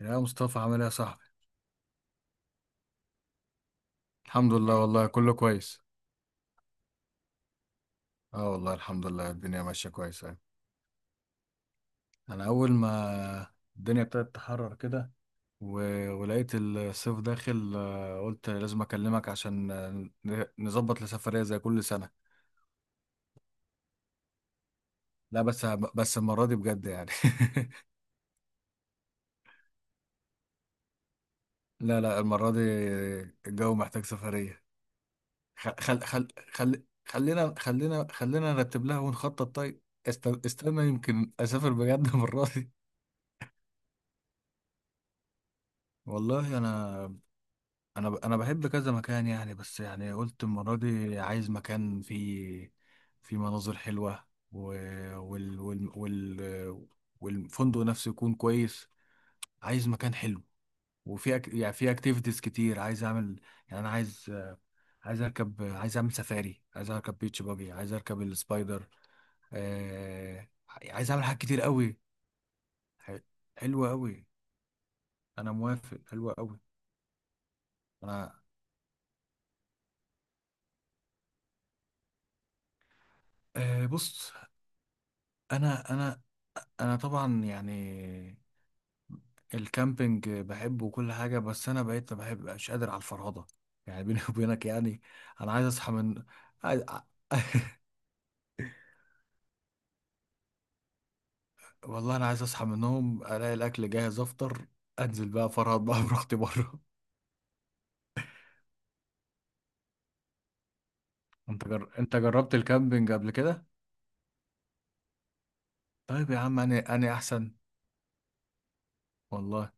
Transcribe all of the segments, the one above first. يا مصطفى، عامل ايه يا صاحبي؟ الحمد لله، والله كله كويس. اه والله الحمد لله، الدنيا ماشيه كويس يعني. انا اول ما الدنيا ابتدت تحرر كده و... ولقيت الصيف داخل، قلت لازم اكلمك عشان نظبط لسفريه زي كل سنه. لا بس، المره دي بجد يعني. لا لا، المره دي الجو محتاج سفريه. خلينا خلينا خلينا نرتب لها ونخطط طيب. استنى يمكن اسافر بجد المره دي. والله انا انا بحب كذا مكان يعني، بس يعني قلت المره دي عايز مكان فيه، فيه مناظر حلوه و... وال... وال... وال... والفندق نفسه يكون كويس. عايز مكان حلو. يعني في اكتيفيتيز كتير عايز اعمل. يعني انا عايز اركب، عايز اعمل سفاري، عايز اركب بيتش باجي، عايز اركب السبايدر. آه... عايز اعمل حاجات كتير قوي. ح- حلوه قوي، انا موافق، حلوه قوي. انا بص، انا انا طبعا يعني الكامبينج بحبه وكل حاجه، بس انا بقيت ما بحبش قادر على الفرهده يعني، بيني وبينك يعني. انا عايز اصحى من، عايز... والله انا عايز اصحى من النوم الاقي الاكل جاهز افطر، انزل بقى فرهد بقى براحتي بره. انت جربت الكامبينج قبل كده؟ طيب يا عم، انا احسن والله.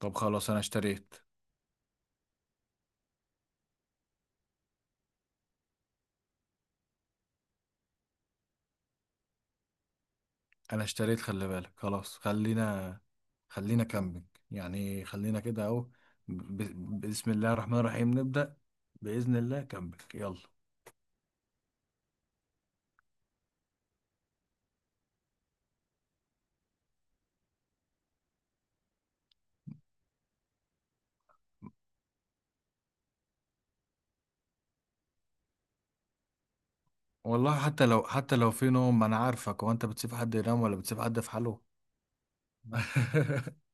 طب خلاص انا اشتريت. انا اشتريت، خلي بالك، خلاص، خلينا كامبينج، يعني خلينا كده اهو. بسم الله الرحمن الرحيم نبدأ، بإذن الله كامبينج يلا. والله حتى لو في نوم، ما انا عارفك، هو انت بتسيب حد ينام ولا بتسيب حد في حاله؟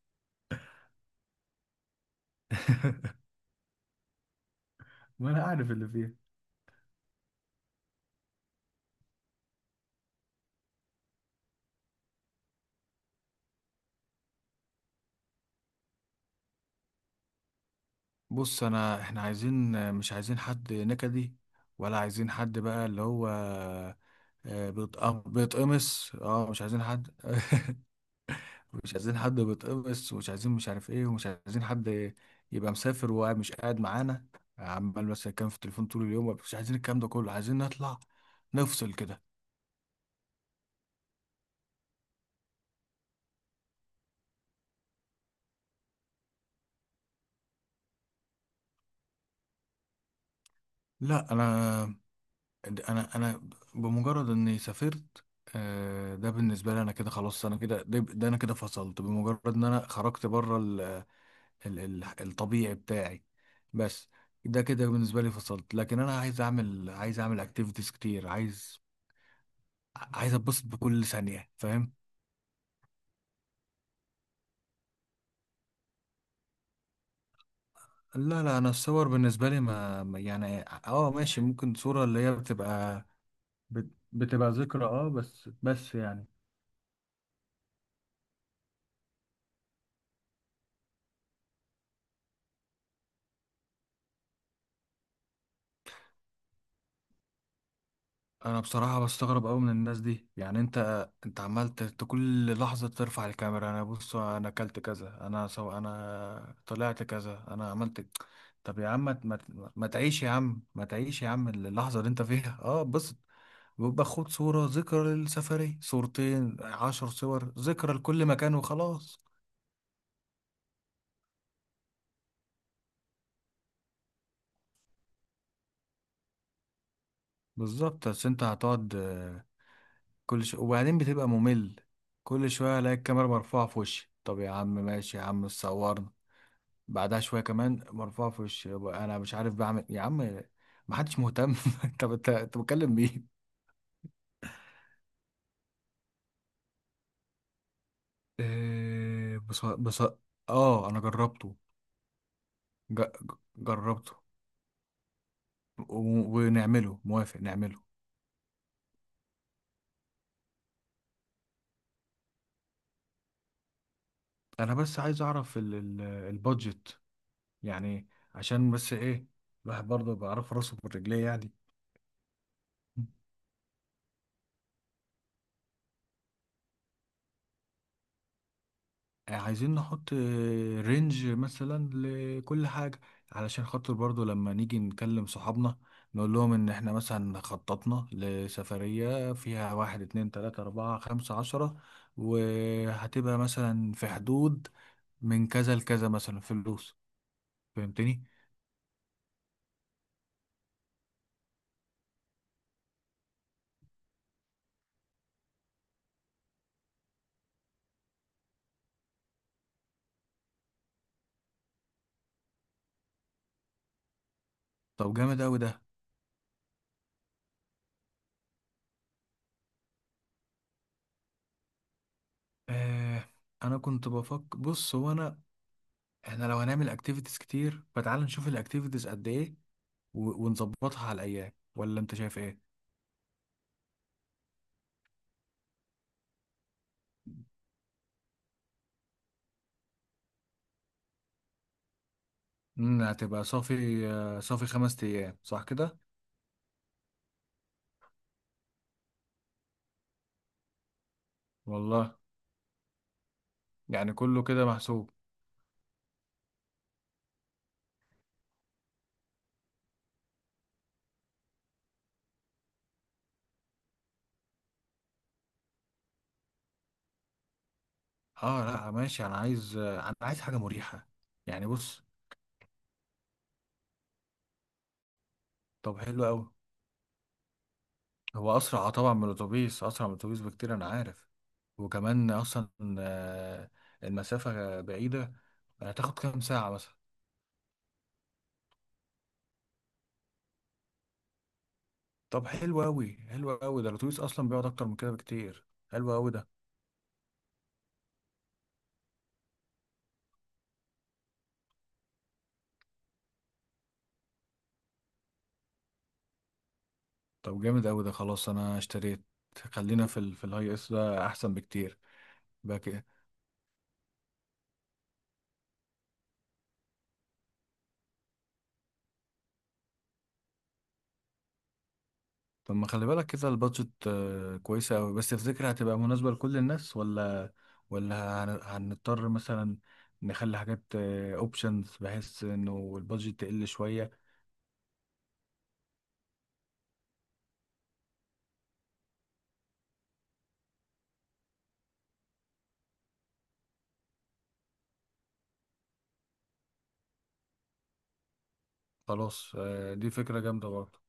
ما انا عارف اللي فيها. بص انا، احنا عايزين، مش عايزين حد نكدي، ولا عايزين حد بقى اللي هو بيتقمص. اه، مش عايزين حد مش عايزين حد بيتقمص، ومش عايزين مش عارف ايه، ومش عايزين حد يبقى مسافر وقاعد مش قاعد معانا، عمال بس كان في التليفون طول اليوم. مش عايزين الكلام ده كله، عايزين نطلع نفصل كده. لا، انا انا بمجرد اني سافرت، ده بالنسبه لي انا كده خلاص، انا كده، ده انا كده فصلت بمجرد ان انا خرجت بره ال ال ال الطبيعي بتاعي، بس. ده كده بالنسبه لي فصلت، لكن انا عايز اعمل اكتيفيتيز كتير، عايز اتبسط بكل ثانيه، فاهم؟ لا لا، انا الصور بالنسبه لي يعني، اه ماشي، ممكن صوره اللي هي بتبقى، بتبقى ذكرى، اه بس، يعني انا بصراحه بستغرب قوي من الناس دي يعني. انت انت عمال كل لحظه ترفع الكاميرا، انا بص انا اكلت كذا، انا سو انا طلعت كذا، انا عملت طب يا عم، ما تعيش يا عم، ما تعيش يا عم اللحظه اللي انت فيها. اه بص، باخد صوره ذكرى للسفريه، صورتين 10 صور ذكرى لكل مكان وخلاص. بالظبط، بس انت هتقعد كل شوية وبعدين بتبقى ممل، كل شوية الاقي الكاميرا مرفوعة في وشي. طب يا عم ماشي يا عم صورنا، بعدها شوية كمان مرفوعة في وشي، يبقى انا مش عارف بعمل يا عم. محدش مهتم انت بتكلم مين؟ بص بص. اه انا جربته. ج... جربته و... ونعمله، موافق نعمله. انا بس عايز اعرف البادجت يعني، عشان بس ايه، الواحد برضه بيعرف راسه بالرجليه يعني. عايزين نحط رينج مثلا لكل حاجة، علشان خاطر برضو لما نيجي نكلم صحابنا نقول لهم ان احنا مثلا خططنا لسفرية فيها واحد اتنين تلاتة اربعة خمسة 10، وهتبقى مثلا في حدود من كذا لكذا مثلا فلوس. فهمتني؟ طب جامد اوي ده. آه انا كنت بفكر، بص هو انا، احنا لو هنعمل اكتيفيتيز كتير فتعال نشوف الاكتيفيتيز قد ايه، ونظبطها على الايام، ولا انت شايف ايه؟ هتبقى صافي، صافي 5 ايام صح كده؟ والله يعني كله كده محسوب. اه لا ماشي، انا عايز، انا عايز حاجه مريحه يعني، بص. طب حلو قوي. هو اسرع، طبعا من الاتوبيس، اسرع من الاتوبيس بكتير انا عارف. وكمان اصلا آه، المسافه بعيده، هتاخد كام ساعه مثلا؟ طب حلو قوي، حلو قوي ده، الاتوبيس اصلا بيقعد اكتر من كده بكتير. حلو قوي ده. طب جامد قوي ده، خلاص انا اشتريت. خلينا في في الهاي اس، ده احسن بكتير بقى. طب ما خلي بالك كده، البادجت كويسة أوي، بس تفتكر هتبقى مناسبة لكل الناس ولا، ولا هنضطر مثلا نخلي حاجات اوبشنز بحيث انه البادجت تقل شوية؟ خلاص، دي فكرة جامدة برضه.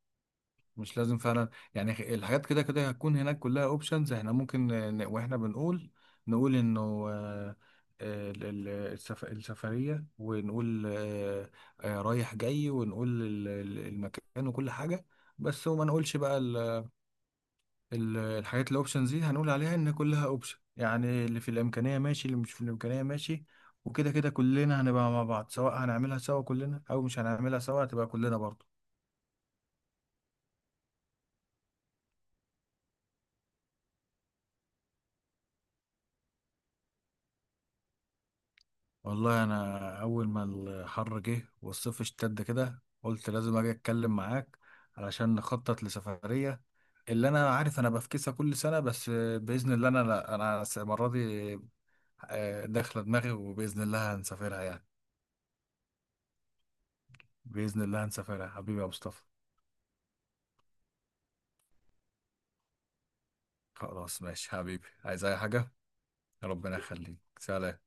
مش لازم فعلا يعني، الحاجات كده كده هتكون هناك كلها اوبشنز، احنا ممكن واحنا بنقول نقول انه، آه، آه، ال- ال- السفرية، ونقول رايح جاي، ونقول المكان وكل حاجة بس، وما نقولش بقى الحاجات الاوبشنز دي، هنقول عليها ان كلها اوبشن يعني، اللي في الامكانيه ماشي، اللي مش في الامكانيه ماشي. وكده كده كلنا هنبقى مع بعض، سواء هنعملها سوا كلنا او مش هنعملها سوا هتبقى كلنا برضه. والله انا اول ما الحر جه والصيف اشتد كده، قلت لازم اجي اتكلم معاك علشان نخطط لسفريه، اللي انا عارف انا بفكسها كل سنه بس. باذن الله انا، لا انا المره دي داخله دماغي وباذن الله هنسافرها يعني. باذن الله هنسافرها حبيبي يا مصطفى. خلاص ماشي حبيبي، عايز اي حاجة؟ ربنا يخليك، سلام.